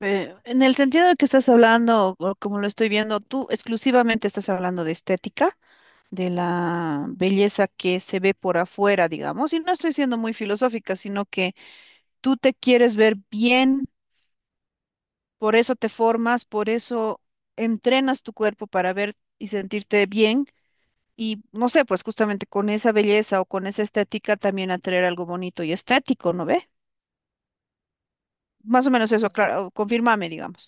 En el sentido de que estás hablando, o como lo estoy viendo, tú exclusivamente estás hablando de estética, de la belleza que se ve por afuera, digamos, y no estoy siendo muy filosófica, sino que tú te quieres ver bien, por eso te formas, por eso entrenas tu cuerpo para ver y sentirte bien, y no sé, pues justamente con esa belleza o con esa estética también atraer algo bonito y estético, ¿no ve? Más o menos eso, claro, confírmame, digamos.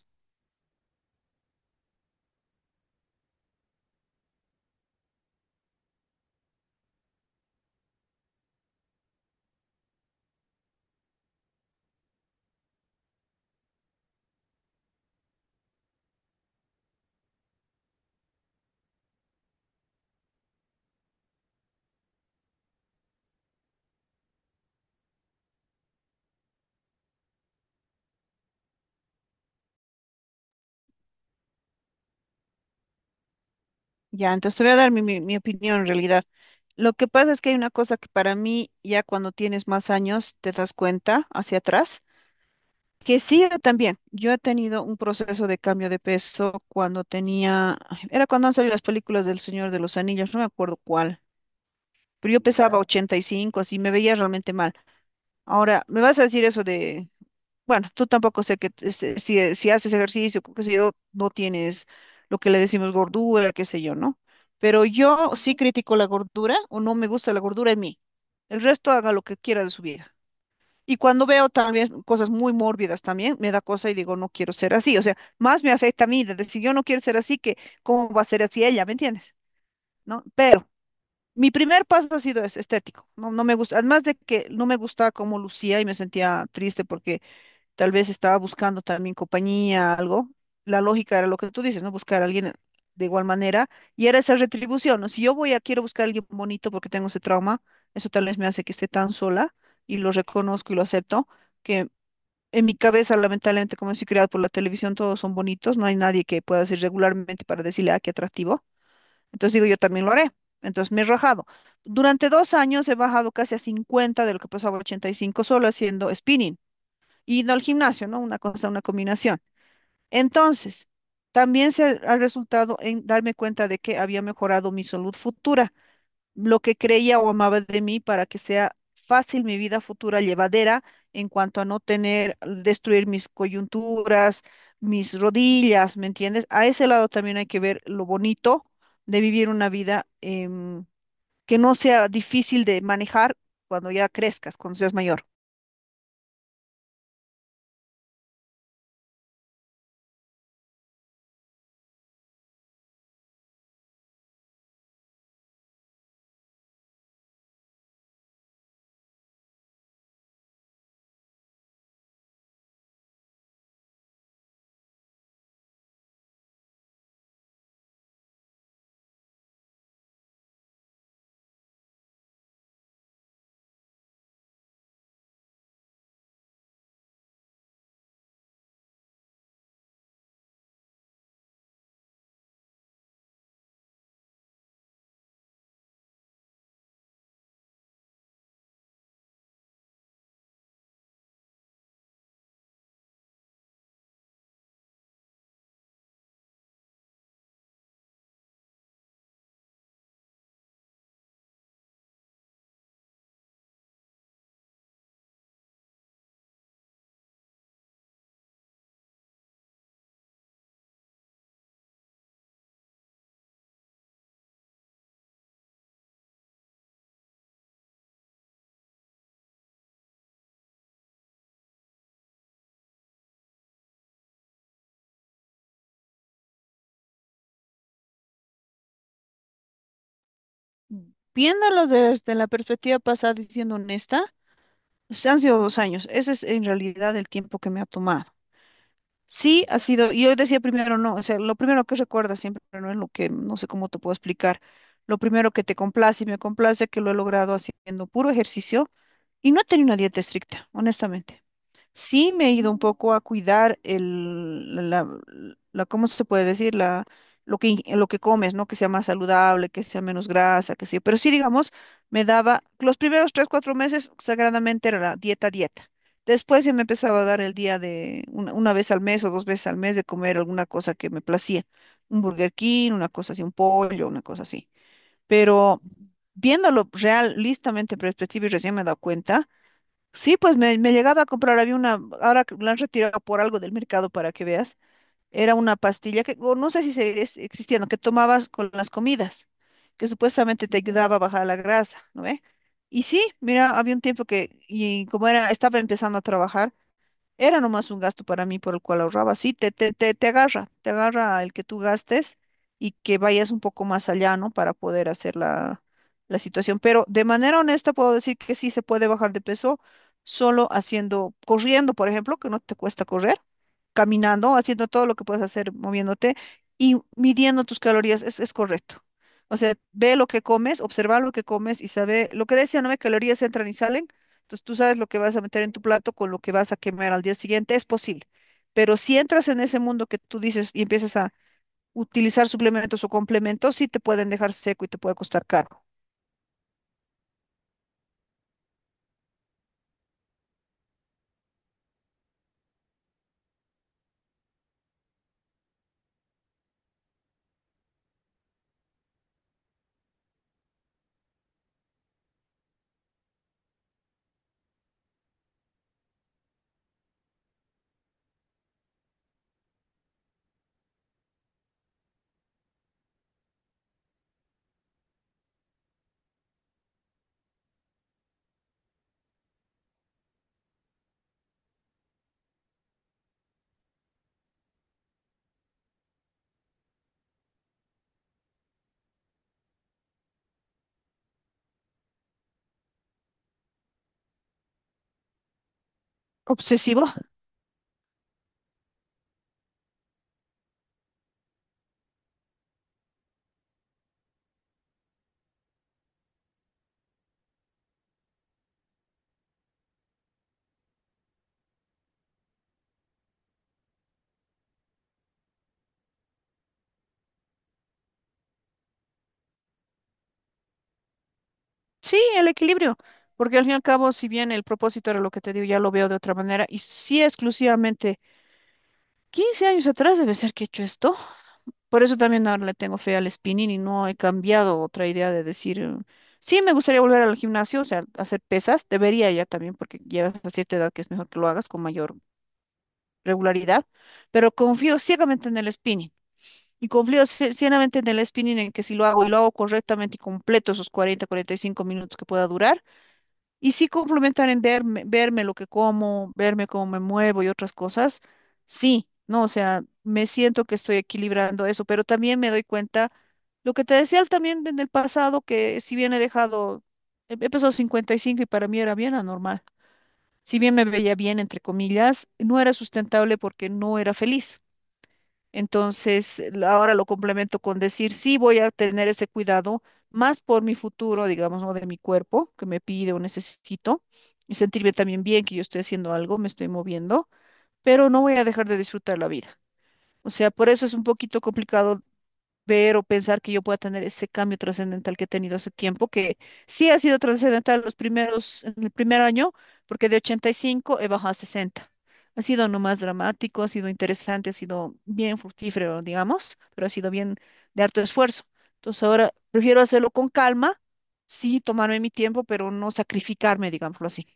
Ya, entonces te voy a dar mi opinión en realidad. Lo que pasa es que hay una cosa que para mí, ya cuando tienes más años, te das cuenta hacia atrás, que sí, yo también. Yo he tenido un proceso de cambio de peso cuando tenía, ay, era cuando han salido las películas del Señor de los Anillos, no me acuerdo cuál, pero yo pesaba, ya, 85, así me veía realmente mal. Ahora, me vas a decir eso de, bueno, tú tampoco sé que si haces ejercicio, qué sé yo, no tienes lo que le decimos gordura, qué sé yo, ¿no? Pero yo sí critico la gordura o no me gusta la gordura en mí. El resto haga lo que quiera de su vida. Y cuando veo también cosas muy mórbidas también, me da cosa y digo, no quiero ser así. O sea, más me afecta a mí de decir, yo no quiero ser así que cómo va a ser así ella, ¿me entiendes? ¿No? Pero mi primer paso ha sido ese, estético. No, no me gusta, además de que no me gustaba cómo lucía y me sentía triste porque tal vez estaba buscando también compañía, algo. La lógica era lo que tú dices, ¿no? Buscar a alguien de igual manera y era esa retribución, ¿no? Si yo quiero buscar a alguien bonito porque tengo ese trauma, eso tal vez me hace que esté tan sola y lo reconozco y lo acepto, que en mi cabeza, lamentablemente, como soy criada por la televisión, todos son bonitos, no hay nadie que pueda decir regularmente para decirle, ah, qué atractivo. Entonces digo, yo también lo haré. Entonces me he rajado. Durante 2 años he bajado casi a 50 de lo que pasaba a 85 solo haciendo spinning y no al gimnasio, ¿no? Una cosa, una combinación. Entonces, también se ha resultado en darme cuenta de que había mejorado mi salud futura, lo que creía o amaba de mí para que sea fácil mi vida futura llevadera en cuanto a no tener, destruir mis coyunturas, mis rodillas, ¿me entiendes? A ese lado también hay que ver lo bonito de vivir una vida que no sea difícil de manejar cuando ya crezcas, cuando seas mayor. Viéndolo desde la perspectiva pasada y siendo honesta, pues han sido 2 años. Ese es en realidad el tiempo que me ha tomado. Sí, ha sido, y yo decía primero no, o sea, lo primero que recuerdas siempre no es lo que, no sé cómo te puedo explicar, lo primero que te complace y me complace que lo he logrado haciendo puro ejercicio y no he tenido una dieta estricta, honestamente. Sí, me he ido un poco a cuidar ¿cómo se puede decir? La, lo que, lo que comes, ¿no? Que sea más saludable, que sea menos grasa, que sea. Pero sí, digamos, me daba, los primeros 3, 4 meses, sagradamente era la dieta, dieta. Después se me empezaba a dar el día de una vez al mes o dos veces al mes de comer alguna cosa que me placía. Un Burger King, una cosa así, un pollo, una cosa así. Pero viéndolo realistamente en perspectiva y recién me he dado cuenta. Sí, pues me llegaba a comprar, había una, ahora que la han retirado por algo del mercado para que veas, era una pastilla que, o no sé si sigue existiendo, que tomabas con las comidas, que supuestamente te ayudaba a bajar la grasa, ¿no ve? Y sí, mira, había un tiempo que, y como era, estaba empezando a trabajar, era nomás un gasto para mí por el cual ahorraba. Sí, te agarra el que tú gastes y que vayas un poco más allá, ¿no? Para poder hacer la situación. Pero de manera honesta puedo decir que sí se puede bajar de peso solo haciendo, corriendo, por ejemplo, que no te cuesta correr, caminando, haciendo todo lo que puedes hacer moviéndote y midiendo tus calorías. Es correcto. O sea, ve lo que comes, observa lo que comes y sabe, lo que decía, ¿no? Que calorías entran y salen, entonces tú sabes lo que vas a meter en tu plato con lo que vas a quemar al día siguiente, es posible. Pero si entras en ese mundo que tú dices y empiezas a utilizar suplementos o complementos, sí te pueden dejar seco y te puede costar caro. ¿Obsesivo? Sí, el equilibrio. Porque al fin y al cabo, si bien el propósito era lo que te digo, ya lo veo de otra manera. Y sí, exclusivamente, 15 años atrás debe ser que he hecho esto. Por eso también ahora le tengo fe al spinning y no he cambiado otra idea de decir, sí, me gustaría volver al gimnasio, o sea, hacer pesas, debería ya también, porque llegas a cierta edad que es mejor que lo hagas con mayor regularidad, pero confío ciegamente en el spinning y confío ciegamente en el spinning en que si lo hago y lo hago correctamente y completo esos 40, 45 minutos que pueda durar, y sí complementar en verme lo que como, verme cómo me muevo y otras cosas, sí, no, o sea, me siento que estoy equilibrando eso, pero también me doy cuenta, lo que te decía también en el pasado, que si bien he dejado, he pesado 55 y cinco y para mí era bien anormal, si bien me veía bien, entre comillas, no era sustentable porque no era feliz. Entonces, ahora lo complemento con decir, sí voy a tener ese cuidado, más por mi futuro, digamos, ¿no? De mi cuerpo, que me pide o necesito, y sentirme también bien que yo estoy haciendo algo, me estoy moviendo, pero no voy a dejar de disfrutar la vida. O sea, por eso es un poquito complicado ver o pensar que yo pueda tener ese cambio trascendental que he tenido hace tiempo, que sí ha sido trascendental los primeros, en el primer año, porque de 85 he bajado a 60. Ha sido no más dramático, ha sido interesante, ha sido bien fructífero, digamos, pero ha sido bien de harto esfuerzo. Entonces ahora prefiero hacerlo con calma, sí, tomarme mi tiempo, pero no sacrificarme, digámoslo así.